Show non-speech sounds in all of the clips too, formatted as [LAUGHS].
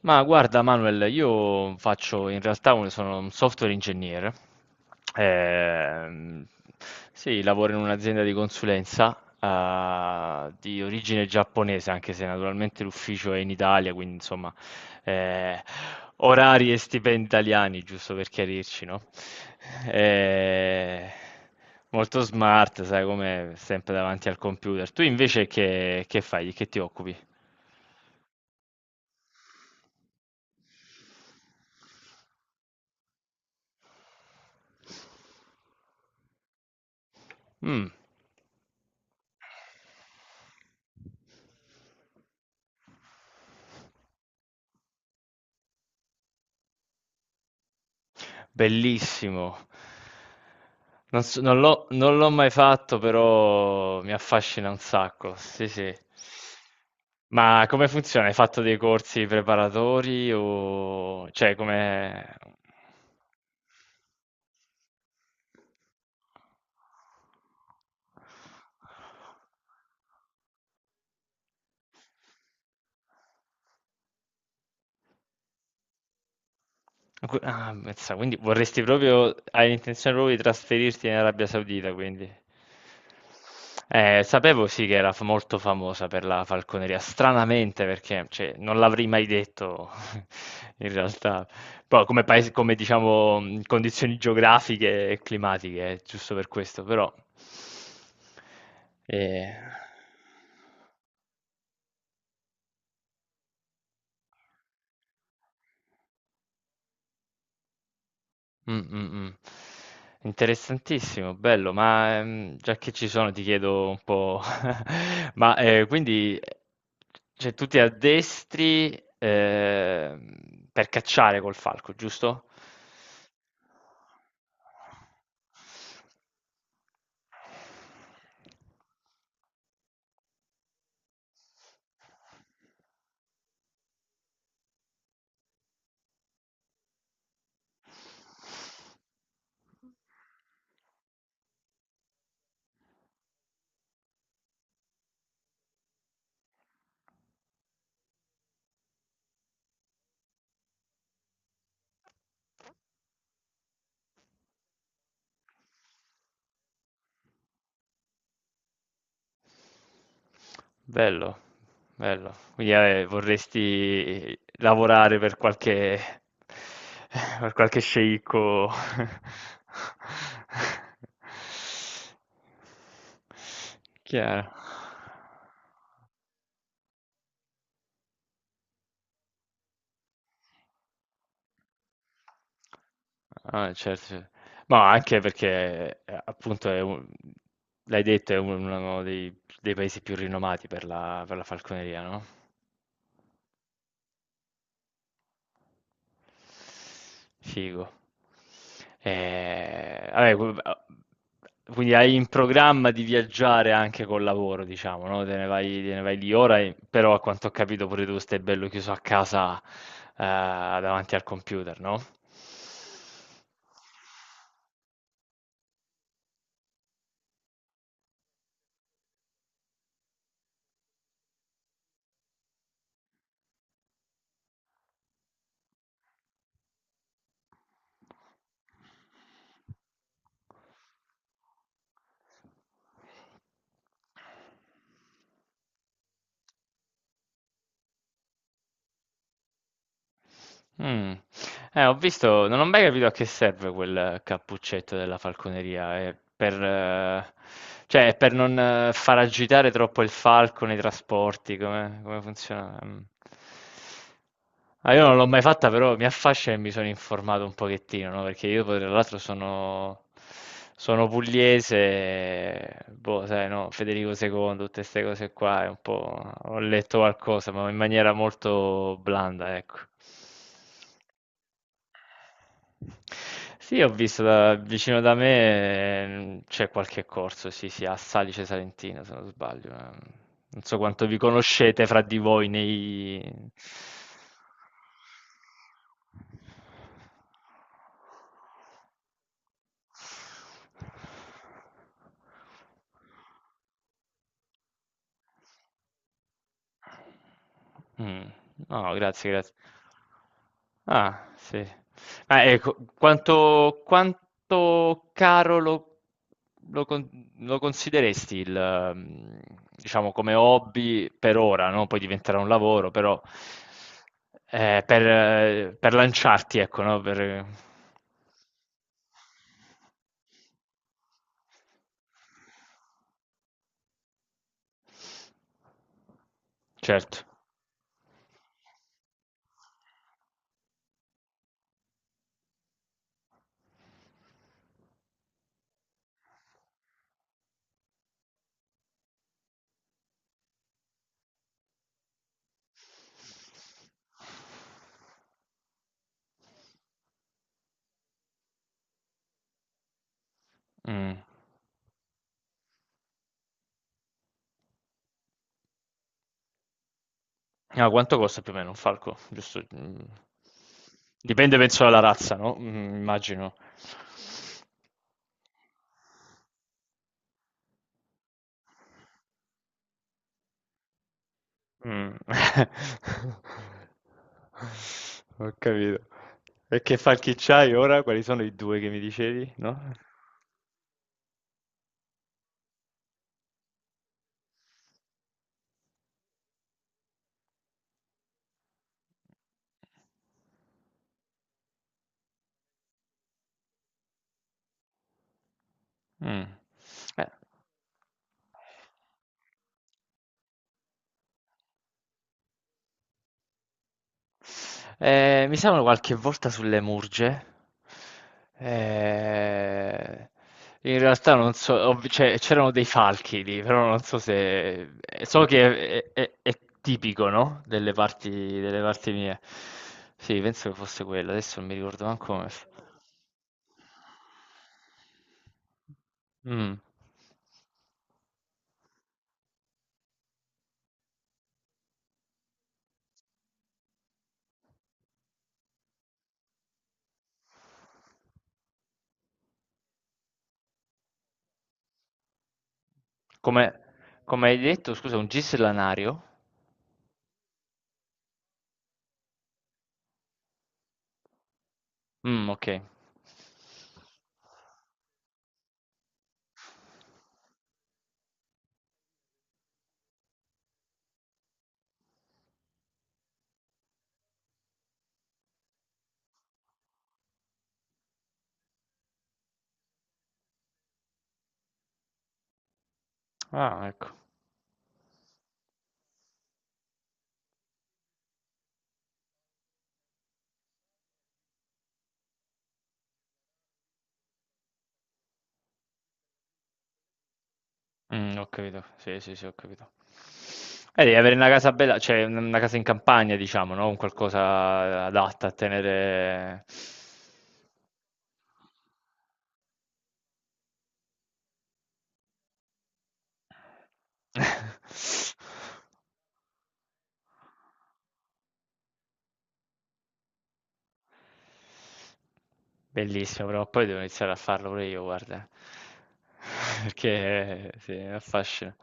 Ma guarda Manuel, io faccio in realtà sono un software ingegnere. Ehm, sì, lavoro in un'azienda di consulenza di origine giapponese, anche se naturalmente l'ufficio è in Italia, quindi insomma eh, orari e stipendi italiani, giusto per chiarirci, no? Eh, Molto smart, sai, come sempre davanti al computer. Tu invece che fai? Di che ti occupi? Mm. Bellissimo. Non l'ho non l'ho mai fatto, però mi affascina un sacco. Sì, sì. Ma come funziona? Hai fatto dei corsi preparatori o cioè come... Qu ah, mazza, quindi vorresti proprio hai intenzione proprio di trasferirti in Arabia Saudita, quindi. Sapevo sì che era molto famosa per la falconeria, stranamente perché cioè, non l'avrei mai detto [LAUGHS] in realtà, poi come paese, come diciamo condizioni geografiche e climatiche, giusto per questo, però eh, mh, mh. Interessantissimo, bello, ma, già che ci sono ti chiedo un po' [LAUGHS] ma, quindi, cioè tu ti addestri, per cacciare col falco, giusto? Bello, bello. Quindi vorresti lavorare per qualche, [LAUGHS] per qualche sceicco. [LAUGHS] Chiaro. Ah, certo, certo. Ma anche perché appunto l'hai detto, è uno dei paesi più rinomati per per la falconeria, no? Figo. Vabbè, qu a quindi hai in programma di viaggiare anche col lavoro, diciamo, no, te ne vai lì ora e però a quanto ho capito pure tu stai bello chiuso a casa, davanti al computer, no? Mh. Ho visto, non ho mai capito a che serve quel cappuccetto della falconeria. È per cioè, è per non far agitare troppo il falco nei trasporti? Come funziona? Mh. Ah, io non l'ho mai fatta, però mi affascina e mi sono informato un pochettino, no, perché io poi tra l'altro sono pugliese e boh, sai, no, Federico II, tutte 'ste cose qua, è un po', ho letto qualcosa, ma in maniera molto blanda, ecco. Sì, ho visto, da vicino da me, c'è qualche corso, sì, sì, a Salice Salentino, se non sbaglio. Ma non so quanto vi conoscete fra di voi nei... Mh. No, no, grazie, grazie. Ah, sì. Ah, ecco, quanto caro lo con lo consideresti il mhmm, diciamo come hobby per ora, no, poi diventerà un lavoro, però, per lanciarti, ecco, no, per certo. Mh. Ah, quanto costa più o meno un falco? Giusto. Mm. Dipende, penso, dalla razza, no? Mm, immagino. Mm. [LAUGHS] Ho capito. E che falchi c'hai ora? Quali sono i due che mi dicevi, no? Mm. Eh. Mi servono qualche volta sulle murge. Ehm, in realtà non so, cioè, c'erano dei falchi lì, però non so se so che è tipico, no? Delle delle parti mie. Sì, penso che fosse quello, adesso non mi ricordo manco come... mm. Come, come hai detto, scusa, un gislanario? Mm, ok. Ah, ecco. Ho capito. Sì, sì, sì, ho capito. Devi avere una casa bella, cioè un una casa in campagna, diciamo, no, un qualcosa adatta a tenere. [LAUGHS] Bellissimo, prima o poi devo iniziare a farlo pure io, guarda. [LAUGHS] Perché sì, mi affascina.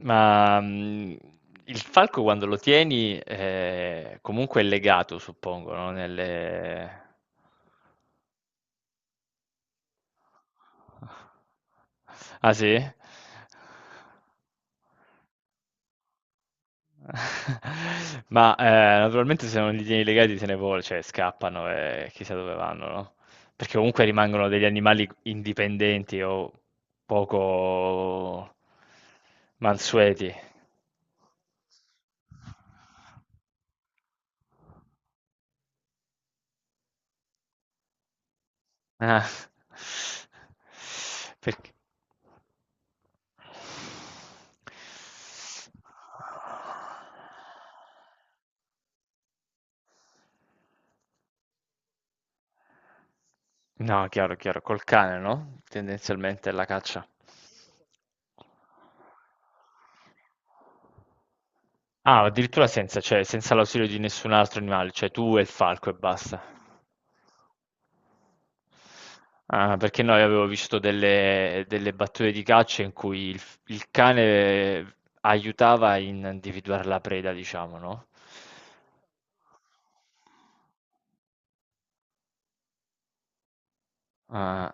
Ma, mhmm, il falco quando lo tieni, comunque è legato, suppongo, no, nelle... Ah sì? [LAUGHS] Ma naturalmente se non li tieni legati se ne vol cioè scappano e chissà dove vanno, no? Perché comunque rimangono degli animali indipendenti o poco mansueti. Ah. [LAUGHS] Perché... No, chiaro, chiaro, col cane, no? Tendenzialmente è la caccia. Ah, addirittura senza, cioè, senza l'ausilio di nessun altro animale, cioè tu e il falco e basta. Ah, perché noi avevo visto delle, delle battute di caccia in cui il cane aiutava in individuare la preda, diciamo, no? Ah.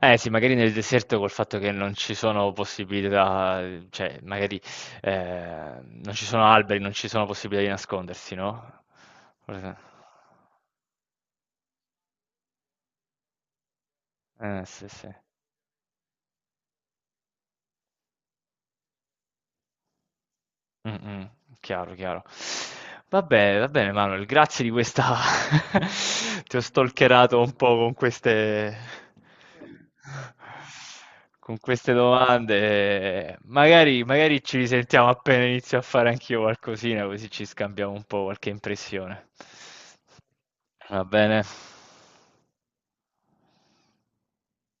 Eh sì, magari nel deserto col fatto che non ci sono possibilità, cioè magari non ci sono alberi, non ci sono possibilità di nascondersi, no? Eh sì, sì. Mh-mh. Chiaro, chiaro. Va bene Manuel, grazie di questa [LAUGHS] ti ho stalkerato un po' con queste domande. Magari ci risentiamo appena inizio a fare anch'io qualcosina, così ci scambiamo un po' qualche impressione. Va bene?